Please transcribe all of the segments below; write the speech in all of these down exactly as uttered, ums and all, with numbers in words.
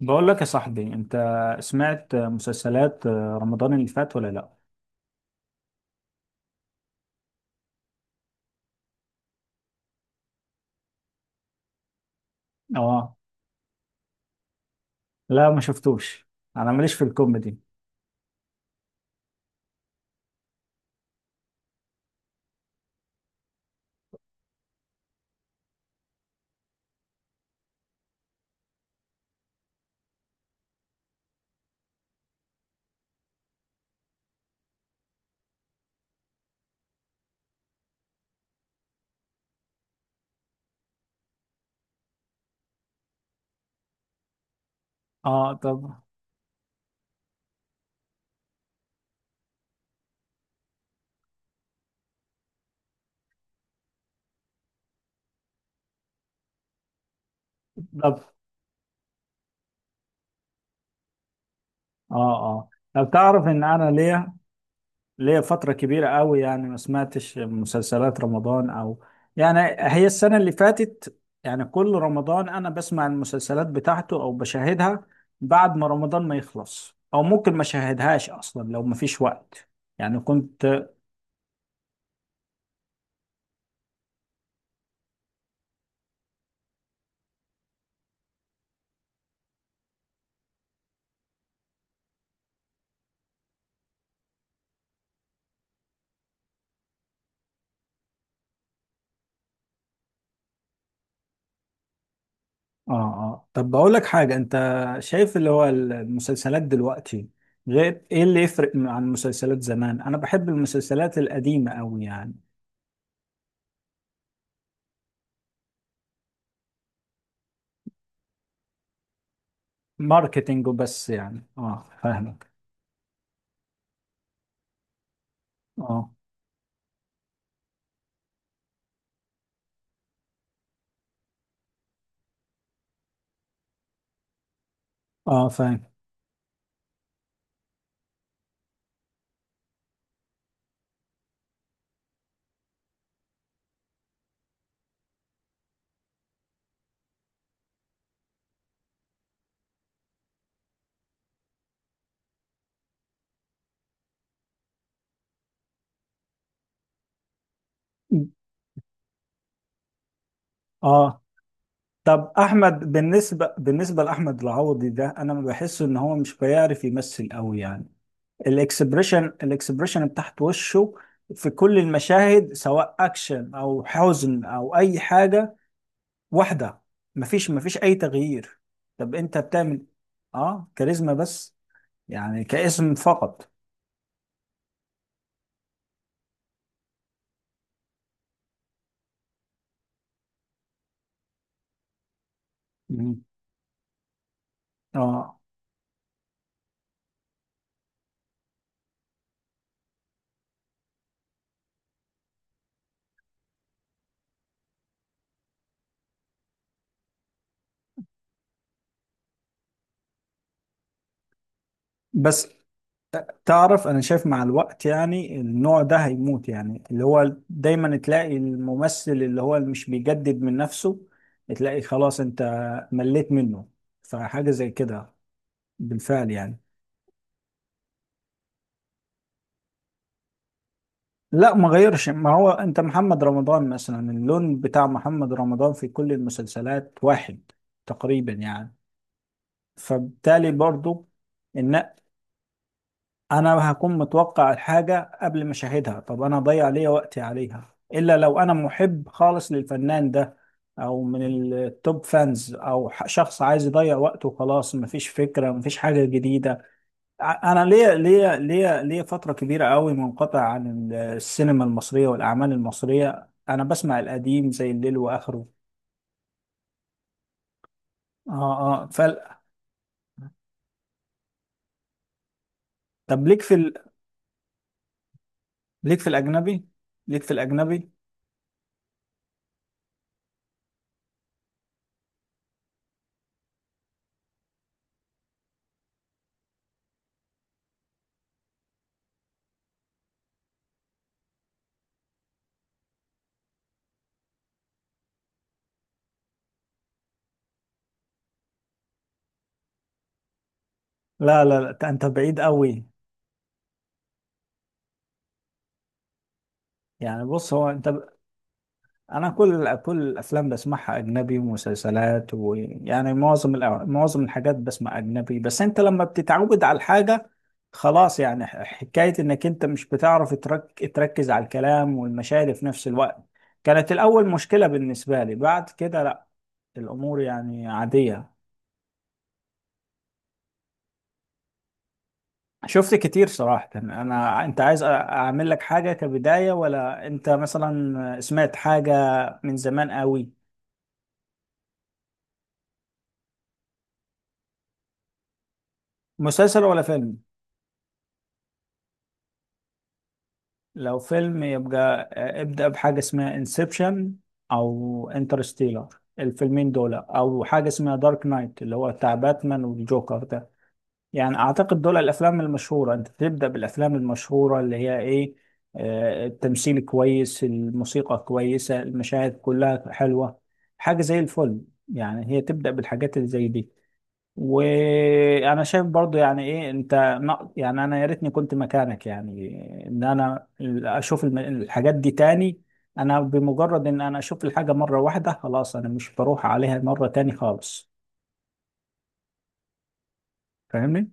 بقول لك يا صاحبي انت، سمعت مسلسلات رمضان اللي فات ولا لا؟ اه. لا ما شفتوش، انا ماليش في الكوميدي. اه طب. طب اه اه طب تعرف ان انا ليا ليا فترة كبيرة قوي، يعني ما سمعتش مسلسلات رمضان او يعني، هي السنة اللي فاتت، يعني كل رمضان انا بسمع المسلسلات بتاعته او بشاهدها بعد ما رمضان ما يخلص، او ممكن ما شاهدهاش اصلا لو ما فيش وقت. يعني كنت اه اه. طب بقول لك حاجة انت، شايف اللي هو المسلسلات دلوقتي غير ايه؟ اللي يفرق عن مسلسلات زمان، انا بحب المسلسلات القديمة قوي يعني. ماركتينج وبس، يعني اه فاهمك. اه اه فاهم. اه طب احمد، بالنسبة بالنسبة لاحمد العوضي ده، انا ما بحس ان هو مش بيعرف يمثل قوي يعني. الاكسبريشن الاكسبريشن بتاعت وشه في كل المشاهد سواء اكشن او حزن او اي حاجة، واحدة. مفيش مفيش أي تغيير. طب أنت بتعمل آه كاريزما بس، يعني كاسم فقط. مم. آه بس. تعرف أنا شايف مع الوقت يعني النوع ده هيموت، يعني اللي هو دايما تلاقي الممثل اللي هو اللي مش بيجدد من نفسه، تلاقي خلاص أنت مليت منه. فحاجة زي كده بالفعل يعني. لا ما غيرش، ما هو أنت محمد رمضان مثلا، اللون بتاع محمد رمضان في كل المسلسلات واحد تقريبا يعني. فبالتالي برضو ان انا هكون متوقع الحاجه قبل ما اشاهدها، طب انا هضيع ليا وقتي عليها؟ الا لو انا محب خالص للفنان ده، او من التوب فانز، او ح- شخص عايز يضيع وقته وخلاص، مفيش فكره مفيش حاجه جديده. ع- انا ليا ليا ليا ليا فتره كبيره قوي منقطع عن ال- السينما المصريه والاعمال المصريه، انا بسمع القديم زي الليل واخره. اه اه فال... طب ليك في ال... ليك في الاجنبي. ليك في الاجنبي. لا لا لا ت- انت بعيد قوي. يعني بص هو انت ب... انا كل كل الافلام بسمعها اجنبي ومسلسلات، ويعني معظم الأ... معظم الحاجات بسمع اجنبي، بس انت لما بتتعود على الحاجه خلاص. يعني ح- حكايه انك انت مش بتعرف ترك... تركز على الكلام والمشاعر في نفس الوقت، كانت الاول مشكله بالنسبه لي، بعد كده لا، الامور يعني عاديه. شفت كتير صراحة. أنا أنت عايز أ- أعمل لك حاجة كبداية، ولا أنت مثلا سمعت حاجة من زمان قوي؟ مسلسل ولا فيلم؟ لو فيلم يبقى آه، ابدأ بحاجة اسمها انسبشن، أو انترستيلر، الفيلمين دول، أو حاجة اسمها دارك نايت اللي هو بتاع باتمان والجوكر ده. يعني اعتقد دول الافلام المشهوره، انت تبدا بالافلام المشهوره اللي هي ايه، آه، التمثيل كويس الموسيقى كويسه المشاهد كلها حلوه، حاجه زي الفل. يعني هي تبدا بالحاجات اللي زي دي. وانا شايف برضو يعني ايه، انت نق- يعني انا يا ريتني كنت مكانك، يعني ان انا اشوف الم- الحاجات دي تاني. انا بمجرد ان انا اشوف الحاجه مره واحده خلاص انا مش بروح عليها مره تاني خالص، فاهمني؟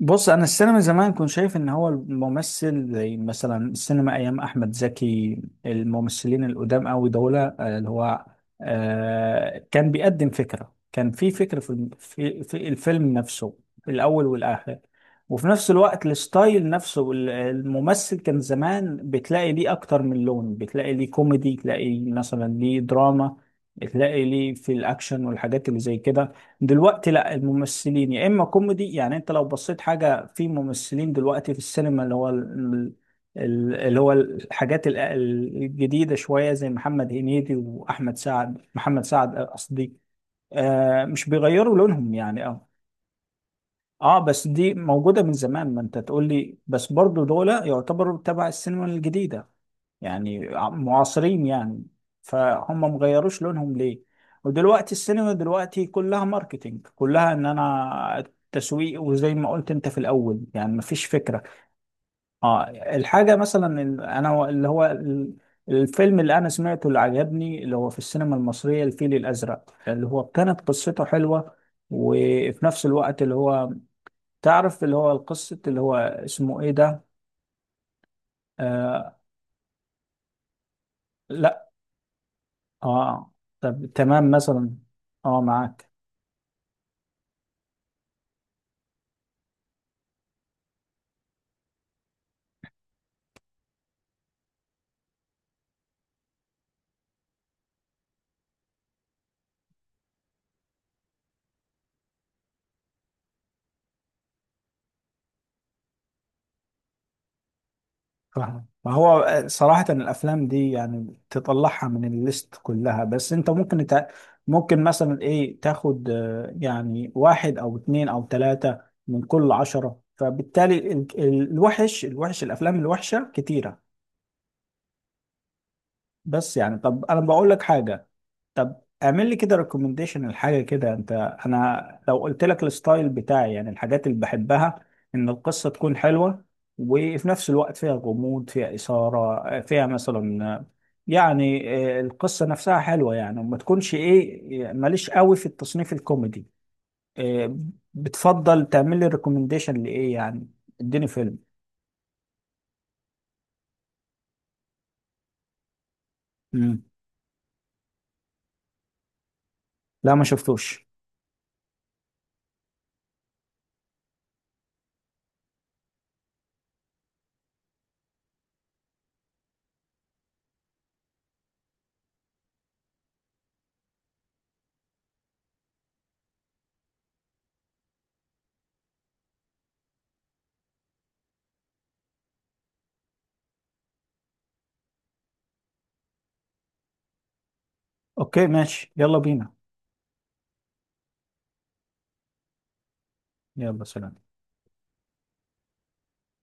بص انا السينما زمان كنت شايف ان هو الممثل، زي مثلا السينما ايام احمد زكي، الممثلين القدام قوي دول آه، اللي هو آه، كان بيقدم فكره، كان في فكره في الم- في في الفيلم نفسه في الاول والاخر. وفي نفس الوقت الستايل نفسه، ال- الممثل كان زمان بتلاقي ليه اكتر من لون، بتلاقي ليه كوميدي، تلاقي مثلا ليه دراما، تلاقي ليه في الاكشن والحاجات اللي زي كده. دلوقتي لا، الممثلين يا اما كوميدي، يعني انت لو بصيت حاجه في ممثلين دلوقتي في السينما اللي هو ال- ال- اللي هو الحاجات ال- الجديده شويه، زي محمد هنيدي واحمد سعد، محمد سعد قصدي، آه مش بيغيروا لونهم يعني. اه اه بس دي موجوده من زمان، ما انت تقول لي، بس برضو دول يعتبروا تبع السينما الجديده يعني، معاصرين يعني، فهم مغيروش لونهم ليه. ودلوقتي السينما دلوقتي كلها ماركتينج، كلها ان انا، تسويق، وزي ما قلت انت في الاول يعني مفيش فكرة. اه الحاجة مثلا ال- انا اللي هو ال- الفيلم اللي انا سمعته اللي عجبني اللي هو في السينما المصرية، الفيل الازرق، اللي هو كانت قصته حلوة، وفي نفس الوقت اللي هو، تعرف اللي هو القصة اللي هو اسمه ايه ده، آه. لا اه طب تمام مثلا. اه معاك. فاهم، ما هو آه، صراحة الأفلام دي يعني تطلعها من الليست كلها، بس أنت ممكن تع... ممكن مثلا إيه تاخد آه، يعني واحد أو اتنين أو تلاتة من كل عشرة، فبالتالي ال- ال- الوحش الوحش الأفلام الوحشة كتيرة. بس يعني طب أنا بقول لك حاجة، طب اعمل لي كده ريكومنديشن الحاجه كده انت. انا لو قلت لك الستايل بتاعي يعني الحاجات اللي بحبها، ان القصه تكون حلوه، وفي نفس الوقت فيها غموض، فيها اثاره، فيها مثلا يعني آه، القصه نفسها حلوه يعني، وما تكونش ايه، ماليش قوي في التصنيف الكوميدي آه، بتفضل تعمل لي ريكومنديشن لايه يعني، اديني فيلم. مم. لا ما شفتوش. اوكي ماشي يلا بينا. يلا سلام.